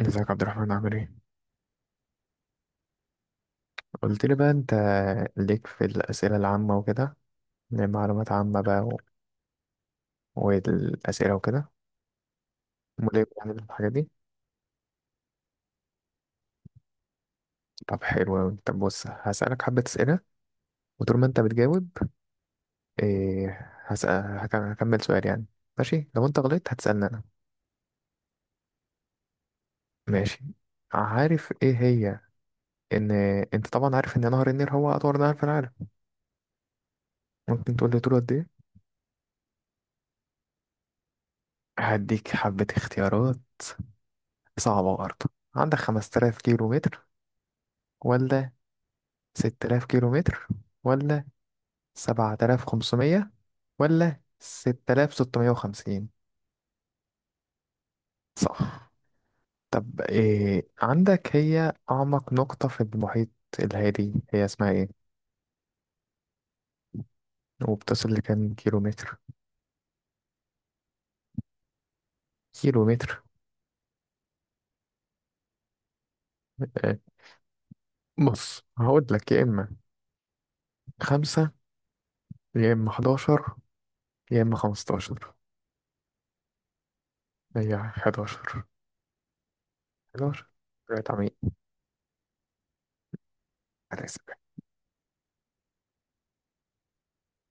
ازيك يا عبد الرحمن، عامل ايه؟ قلت لي بقى انت ليك في الأسئلة العامة وكده، معلومات عامة بقى والأسئلة وكده. مليك يعني الحاجات دي. طب حلو أوي. طب بص، هسألك حبة أسئلة وطول ما انت بتجاوب إيه. هكمل سؤال يعني. ماشي، لو انت غلطت هتسألني أنا. ماشي. عارف ايه هي؟ ان انت طبعا عارف ان نهر النيل هو أطول نهر في العالم، ممكن تقول لي طوله قد ايه؟ هديك حبة اختيارات صعبة برضه. عندك 5000 كيلو متر ولا 6000 كيلو متر ولا 7500 ولا 6650؟ صح. طب إيه عندك، هي أعمق نقطة في المحيط الهادي هي اسمها إيه؟ وبتصل لكام كيلو متر؟ كيلو متر. آه، بص هقول لك، يا إما خمسة يا إما 11 يا إما 15. هي حداشر. حداشر، رأيت عميق. هتحسب.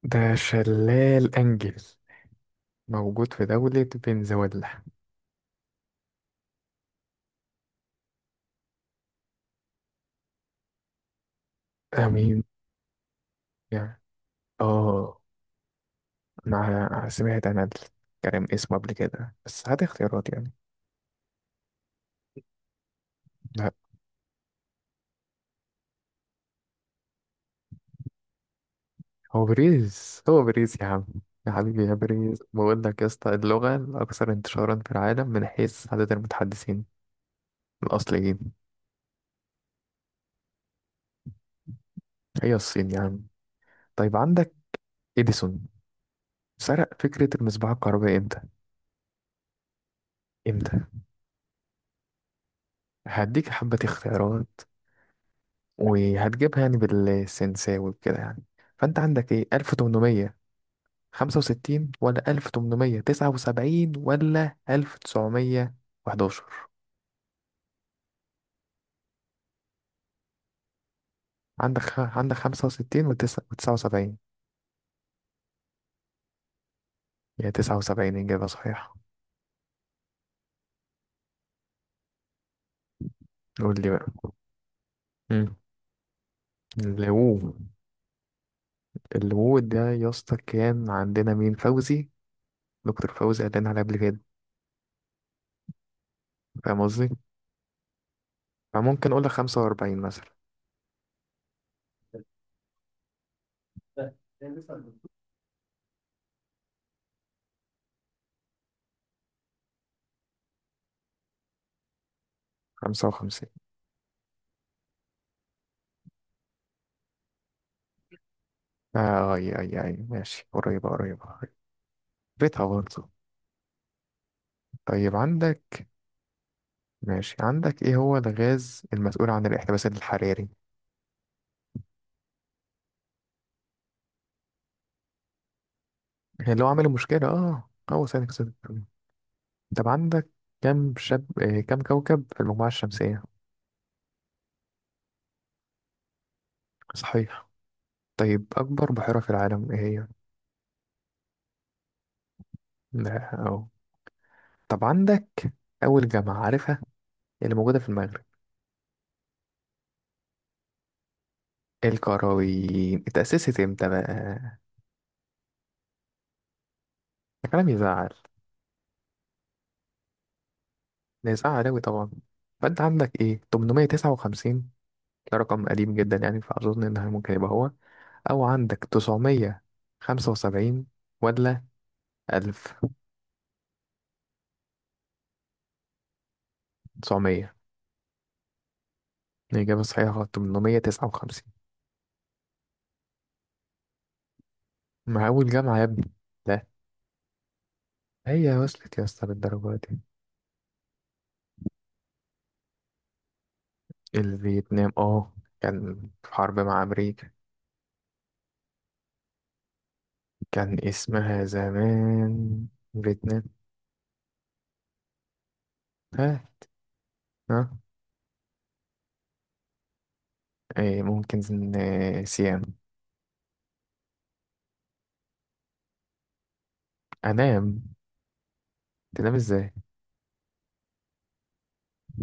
ده شلال أنجل موجود في دولة فنزويلا. أمين يعني. اه، انا سمعت انا الكلام اسمه قبل كده، بس هات اختيارات يعني. لا، هو بريز هو بريز يا عم. يا حبيبي يا بريز، بقول لك يا اسطى، اللغة الأكثر انتشارا في العالم من حيث عدد المتحدثين الأصليين هي الصين يا عم. طيب عندك إديسون سرق فكرة المصباح الكهربائي إمتى؟ إمتى؟ هديك حبة اختيارات، وهتجيبها يعني بالسنساوي وكده يعني. فأنت عندك إيه، 1800 خمسة وستين ولا 1879 ولا 1911؟ عندك خمسة وستين وتسعة وسبعين. هي تسعة وسبعين إجابة صحيحة. قول لي بقى. مم. الغوو، الغوو ده يا اسطى، كان عندنا مين فوزي، دكتور فوزي قال لنا عليه قبل كده. فاهم قصدي؟ فممكن أقول لك خمسة وأربعين مثلا. خمسة وخمسين. آه أي أي أي، ماشي قريبة قريبة قريبة. بيتها برضه. طيب عندك، ماشي، عندك ايه هو الغاز المسؤول عن الاحتباس الحراري؟ اللي هو عامل المشكلة، اه، هو ثاني اكسيد الكربون. طب عندك كم شب آه كم كوكب في المجموعة الشمسية؟ صحيح. طيب أكبر بحيرة في العالم ايه هي؟ لا اه. طب عندك أول جامعة عارفها اللي موجودة في المغرب؟ القرويين اتأسست امتى بقى؟ ده كلام يزعل. ده يزعل أوي طبعا. فأنت عندك ايه، 859؟ ده رقم قديم جدا يعني، فأظن إنها ممكن يبقى هو. أو عندك 975 ولا ألف. تسعمية الإجابة صحيحة غلط. 859، مع أول جامعة يا ابني. لا، هي وصلت يا اسطى بالدرجة دي. الفيتنام، اه، كان في حرب مع أمريكا. كان اسمها زمان فيتنام. ها. ها. ايه، ممكن سيام. أنام. تنام ازاي؟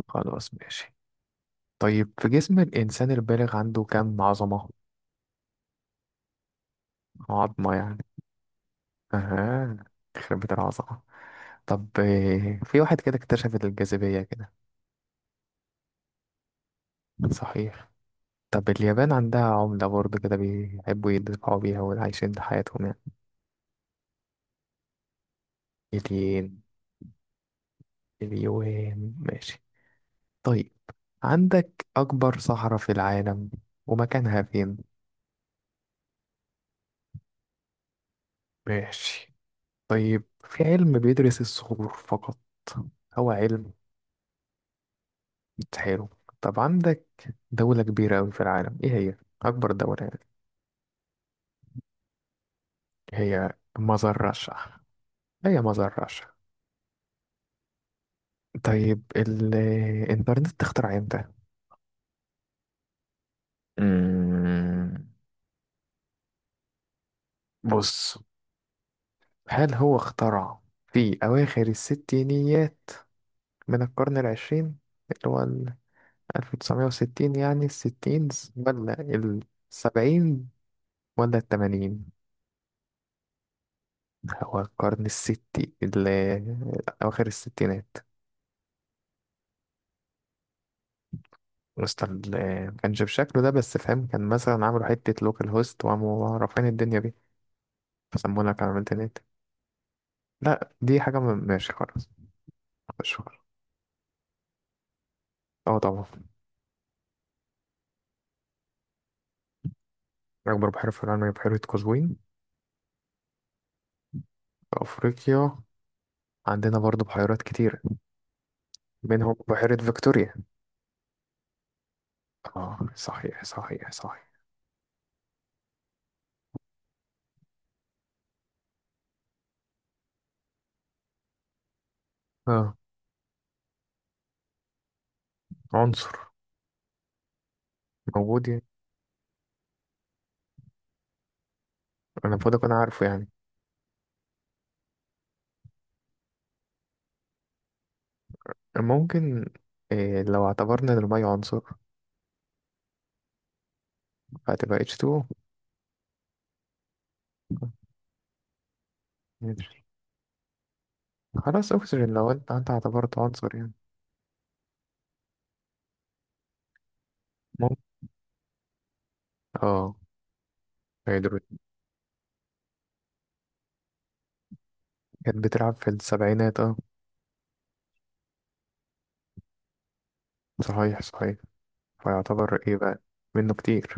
خلاص ماشي. طيب في جسم الإنسان البالغ عنده كم عظمة؟ عظمة يعني. آه، يخرب بيت العظمة. طب في واحد كده اكتشف الجاذبية كده. صحيح. طب اليابان عندها عملة برضه كده بيحبوا يدفعوا بيها وعايشين حياتهم يعني. الين، اليوان، ماشي. طيب عندك أكبر صحراء في العالم، ومكانها فين؟ ماشي. طيب في علم بيدرس الصخور فقط، هو علم. حلو. طب عندك دولة كبيرة أوي في العالم إيه هي؟ أكبر دولة يعني. هي مزر رشع. هي ما ذرعش. طيب الإنترنت اخترع امتى؟ أمم، بص، هل هو اخترع في أواخر الستينيات من القرن العشرين، اللي هو 1960 يعني الستينز، ولا السبعين ولا التمانين؟ هو القرن أواخر الستينات. كانش بشكله ده، بس فاهم، كان مثلا عملوا حتة لوكال هوست وقاموا رافعين الدنيا بيه، فسمونا كمان الإنترنت. لا دي حاجة ماشي خلاص. مش خلاص. اه طبعا. أكبر بحيرة في العالم هي بحيرة قزوين. في أفريقيا عندنا برضه بحيرات كتيرة منهم بحيرة فيكتوريا. اه صحيح صحيح صحيح. اه. عنصر موجود يعني. أنا المفروض أكون عارفه يعني. ممكن، إيه لو اعتبرنا إن المية عنصر فهتبقى H2O؟ ماشي. خلاص أكسجين، لو أنت اعتبرته عنصر يعني. ممكن. اه. هيدروجين. كانت بتلعب في السبعينات اه. صحيح صحيح. فيعتبر ايه بقى؟ منه كتير.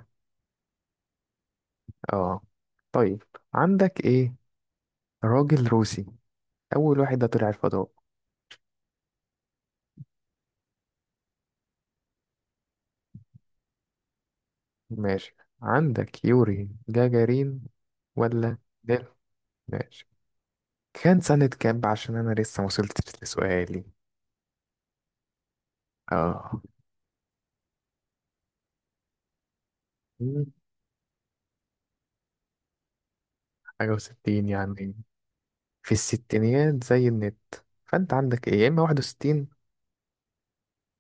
اه. طيب عندك ايه، راجل روسي اول واحد ده طلع الفضاء. ماشي. عندك يوري جاجارين ولا نيل؟ ماشي. كان سنة كام بقى؟ عشان انا لسه ما وصلتش لسؤالي. اه. مم، حاجة وستين يعني. في الستينيات زي النت. فانت عندك ايه، يا اما واحد وستين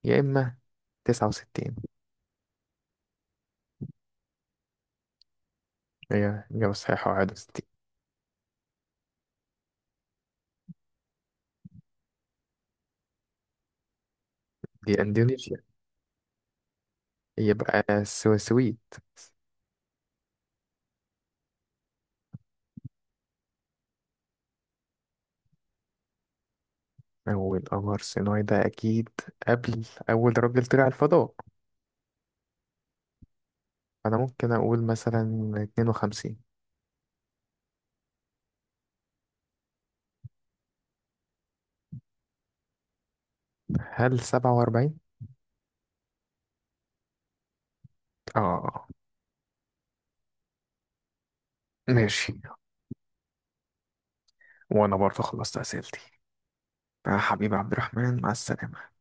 يا اما تسعة وستين؟ هي إجابة صحيحة واحد وستين. دي اندونيسيا. يبقى سويسوي. أول قمر صناعي ده أكيد قبل أول راجل طلع الفضاء. أنا ممكن أقول مثلا اتنين وخمسين. هل سبعة وأربعين؟ آه. ماشي. وأنا برضه خلصت أسئلتي. آه حبيبي عبد الرحمن، مع السلامة.